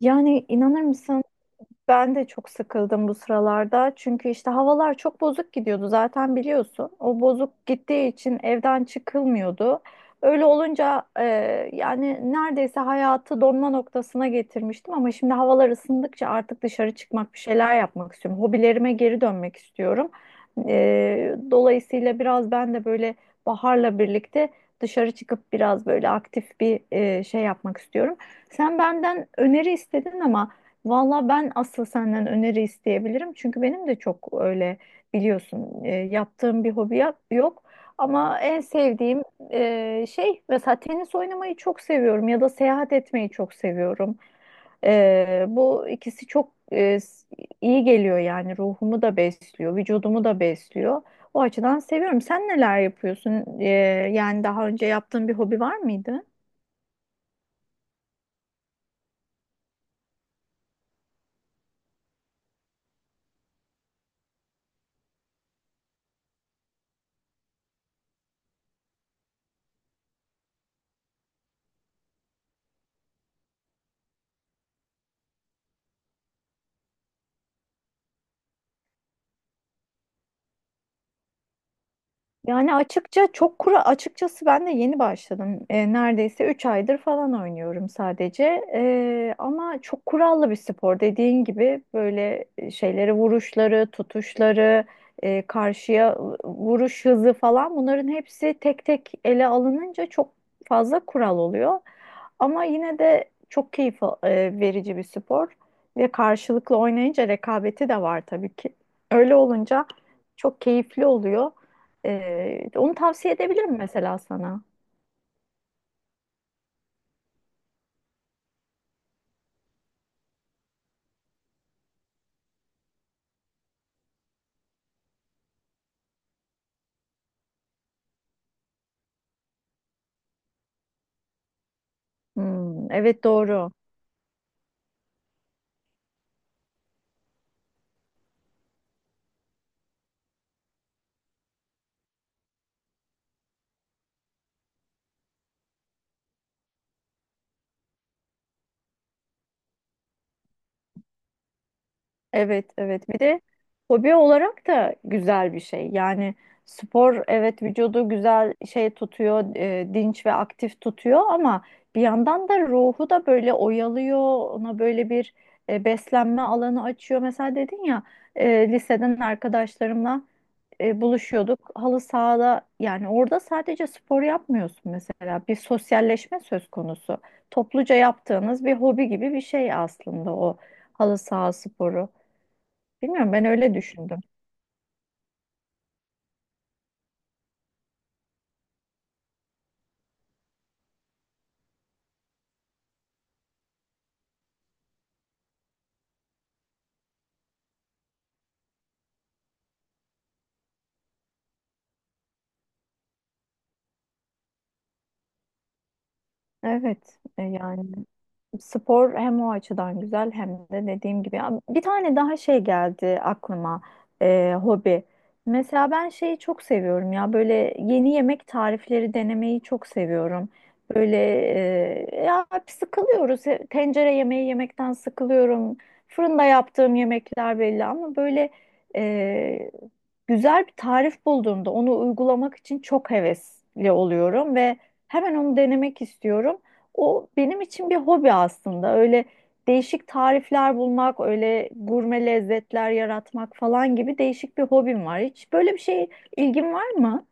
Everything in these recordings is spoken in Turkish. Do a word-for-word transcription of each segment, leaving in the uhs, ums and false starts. Yani inanır mısın ben de çok sıkıldım bu sıralarda. Çünkü işte havalar çok bozuk gidiyordu zaten biliyorsun. O bozuk gittiği için evden çıkılmıyordu. Öyle olunca e, yani neredeyse hayatı donma noktasına getirmiştim ama şimdi havalar ısındıkça artık dışarı çıkmak, bir şeyler yapmak istiyorum. Hobilerime geri dönmek istiyorum. E, dolayısıyla biraz ben de böyle baharla birlikte dışarı çıkıp biraz böyle aktif bir e, şey yapmak istiyorum. Sen benden öneri istedin ama valla ben asıl senden öneri isteyebilirim. Çünkü benim de çok öyle biliyorsun e, yaptığım bir hobi yap- yok. Ama en sevdiğim e, şey mesela tenis oynamayı çok seviyorum ya da seyahat etmeyi çok seviyorum. Ee, bu ikisi çok e, s- iyi geliyor yani ruhumu da besliyor, vücudumu da besliyor. O açıdan seviyorum. Sen neler yapıyorsun? Ee, yani daha önce yaptığın bir hobi var mıydı? Yani açıkça çok kuru açıkçası ben de yeni başladım. E, neredeyse üç aydır falan oynuyorum sadece. E, ama çok kurallı bir spor dediğin gibi böyle e, şeyleri vuruşları, tutuşları, e, karşıya vuruş hızı falan bunların hepsi tek tek ele alınınca çok fazla kural oluyor. Ama yine de çok keyif e, verici bir spor ve karşılıklı oynayınca rekabeti de var tabii ki. Öyle olunca çok keyifli oluyor. E, onu tavsiye edebilirim mesela sana. Hmm, evet doğru. Evet, evet. Bir de hobi olarak da güzel bir şey. Yani spor evet vücudu güzel şey tutuyor, e, dinç ve aktif tutuyor ama bir yandan da ruhu da böyle oyalıyor. Ona böyle bir e, beslenme alanı açıyor. Mesela dedin ya e, liseden arkadaşlarımla e, buluşuyorduk. Halı sahada yani orada sadece spor yapmıyorsun mesela. Bir sosyalleşme söz konusu. Topluca yaptığınız bir hobi gibi bir şey aslında o halı saha sporu. Bilmiyorum ben öyle düşündüm. Evet e, yani. Spor hem o açıdan güzel hem de dediğim gibi. Ya bir tane daha şey geldi aklıma e, hobi. Mesela ben şeyi çok seviyorum ya böyle yeni yemek tarifleri denemeyi çok seviyorum. Böyle e, ya sıkılıyoruz. E, tencere yemeği yemekten sıkılıyorum. Fırında yaptığım yemekler belli ama böyle e, güzel bir tarif bulduğumda onu uygulamak için çok hevesli oluyorum ve hemen onu denemek istiyorum. O benim için bir hobi aslında. Öyle değişik tarifler bulmak, öyle gurme lezzetler yaratmak falan gibi değişik bir hobim var. Hiç böyle bir şey ilgin var mı?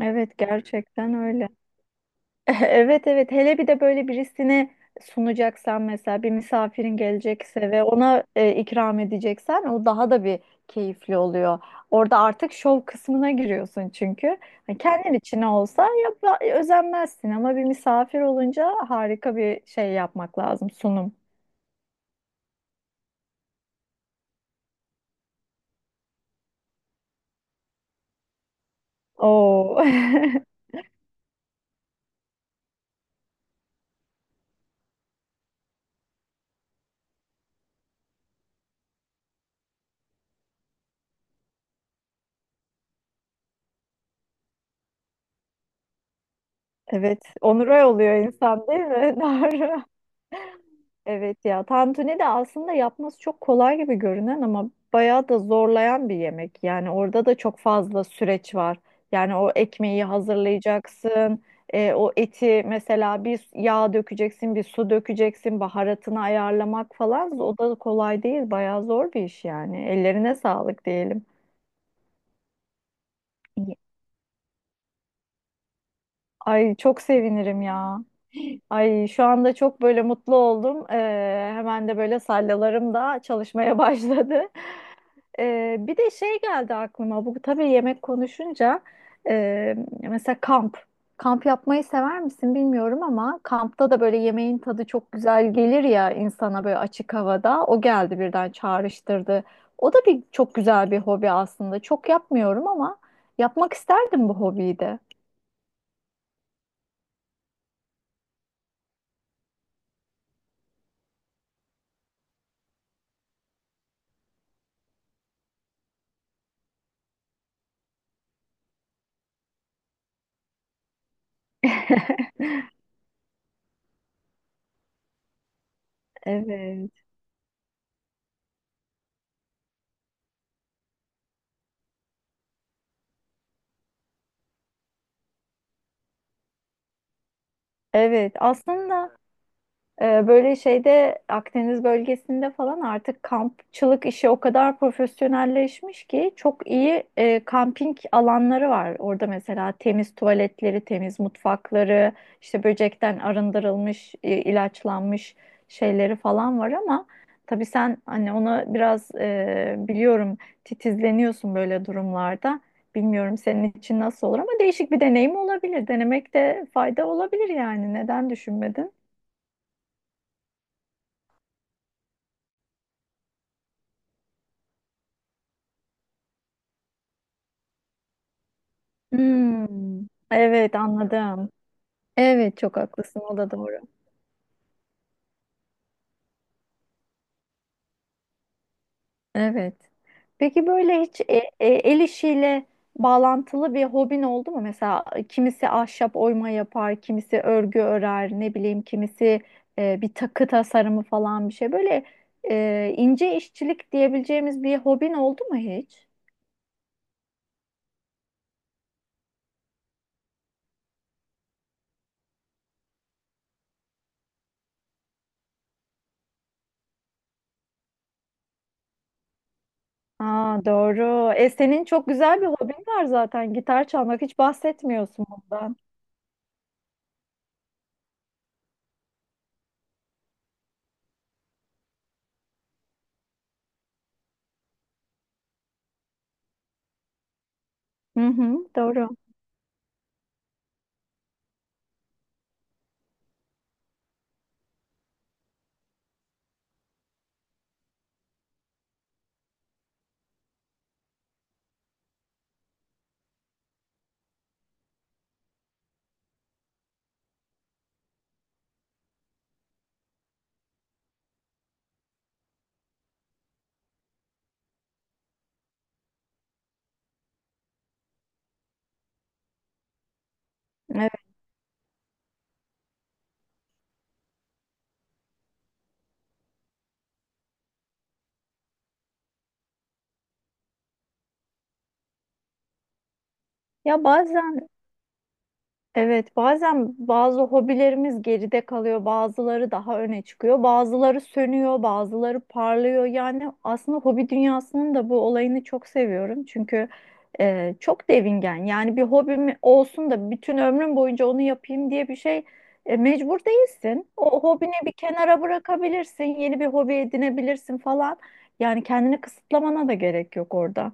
Evet, gerçekten öyle. Evet evet hele bir de böyle birisine sunacaksan mesela bir misafirin gelecekse ve ona e, ikram edeceksen o daha da bir keyifli oluyor. Orada artık şov kısmına giriyorsun çünkü. Hani kendin için olsa yap özenmezsin ama bir misafir olunca harika bir şey yapmak lazım sunum. Oo. Evet, onur oluyor insan değil mi? Doğru. Evet ya tantuni de aslında yapması çok kolay gibi görünen ama bayağı da zorlayan bir yemek. Yani orada da çok fazla süreç var. Yani o ekmeği hazırlayacaksın, e, o eti mesela bir yağ dökeceksin, bir su dökeceksin, baharatını ayarlamak falan o da kolay değil, bayağı zor bir iş yani. Ellerine sağlık diyelim. Ay çok sevinirim ya. Ay şu anda çok böyle mutlu oldum. Ee, hemen de böyle sallalarım da çalışmaya başladı. Ee, bir de şey geldi aklıma bu tabii yemek konuşunca e, mesela kamp. Kamp yapmayı sever misin bilmiyorum ama kampta da böyle yemeğin tadı çok güzel gelir ya insana böyle açık havada. O geldi birden çağrıştırdı. O da bir çok güzel bir hobi aslında. Çok yapmıyorum ama yapmak isterdim bu hobiyi de. Evet. Evet, aslında. Ee, Böyle şeyde Akdeniz bölgesinde falan artık kampçılık işi o kadar profesyonelleşmiş ki çok iyi e, kamping alanları var. Orada mesela temiz tuvaletleri, temiz mutfakları, işte böcekten arındırılmış, e, ilaçlanmış şeyleri falan var ama tabii sen hani ona biraz e, biliyorum titizleniyorsun böyle durumlarda. Bilmiyorum senin için nasıl olur ama değişik bir deneyim olabilir. Denemekte fayda olabilir yani. Neden düşünmedin? Hmm, evet anladım. Evet çok haklısın o da doğru. Evet. Peki böyle hiç e, e, el işiyle bağlantılı bir hobin oldu mu? Mesela kimisi ahşap oyma yapar, kimisi örgü örer, ne bileyim kimisi e, bir takı tasarımı falan bir şey. Böyle e, ince işçilik diyebileceğimiz bir hobin oldu mu hiç? Aa, doğru. E, senin çok güzel bir hobin var zaten gitar çalmak. Hiç bahsetmiyorsun bundan. Hı hı, doğru. Evet. Ya bazen evet, bazen bazı hobilerimiz geride kalıyor, bazıları daha öne çıkıyor, bazıları sönüyor, bazıları parlıyor. Yani aslında hobi dünyasının da bu olayını çok seviyorum. Çünkü e, çok devingen. Yani bir hobim olsun da bütün ömrüm boyunca onu yapayım diye bir şey e, mecbur değilsin. O hobini bir kenara bırakabilirsin, yeni bir hobi edinebilirsin falan. Yani kendini kısıtlamana da gerek yok orada.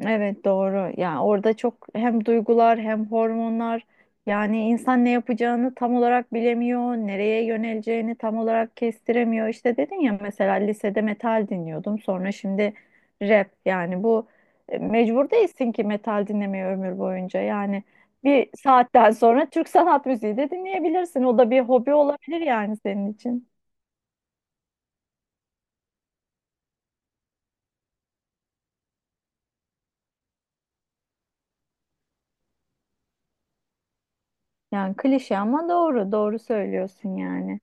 Evet doğru. Yani orada çok hem duygular hem hormonlar yani insan ne yapacağını tam olarak bilemiyor, nereye yöneleceğini tam olarak kestiremiyor. İşte dedin ya mesela lisede metal dinliyordum. Sonra şimdi rap yani bu e, mecbur değilsin ki metal dinlemeye ömür boyunca. Yani bir saatten sonra Türk sanat müziği de dinleyebilirsin. O da bir hobi olabilir yani senin için. Yani klişe ama doğru, doğru söylüyorsun yani.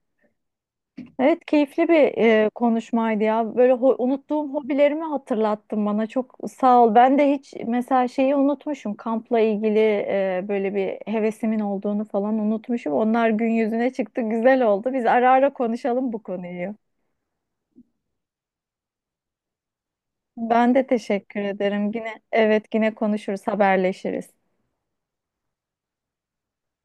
Evet keyifli bir e, konuşmaydı ya. Böyle ho- unuttuğum hobilerimi hatırlattın bana. Çok sağ ol. Ben de hiç mesela şeyi unutmuşum. Kampla ilgili e, böyle bir hevesimin olduğunu falan unutmuşum. Onlar gün yüzüne çıktı. Güzel oldu. Biz ara ara konuşalım bu konuyu. Ben de teşekkür ederim. Yine evet yine konuşuruz, haberleşiriz.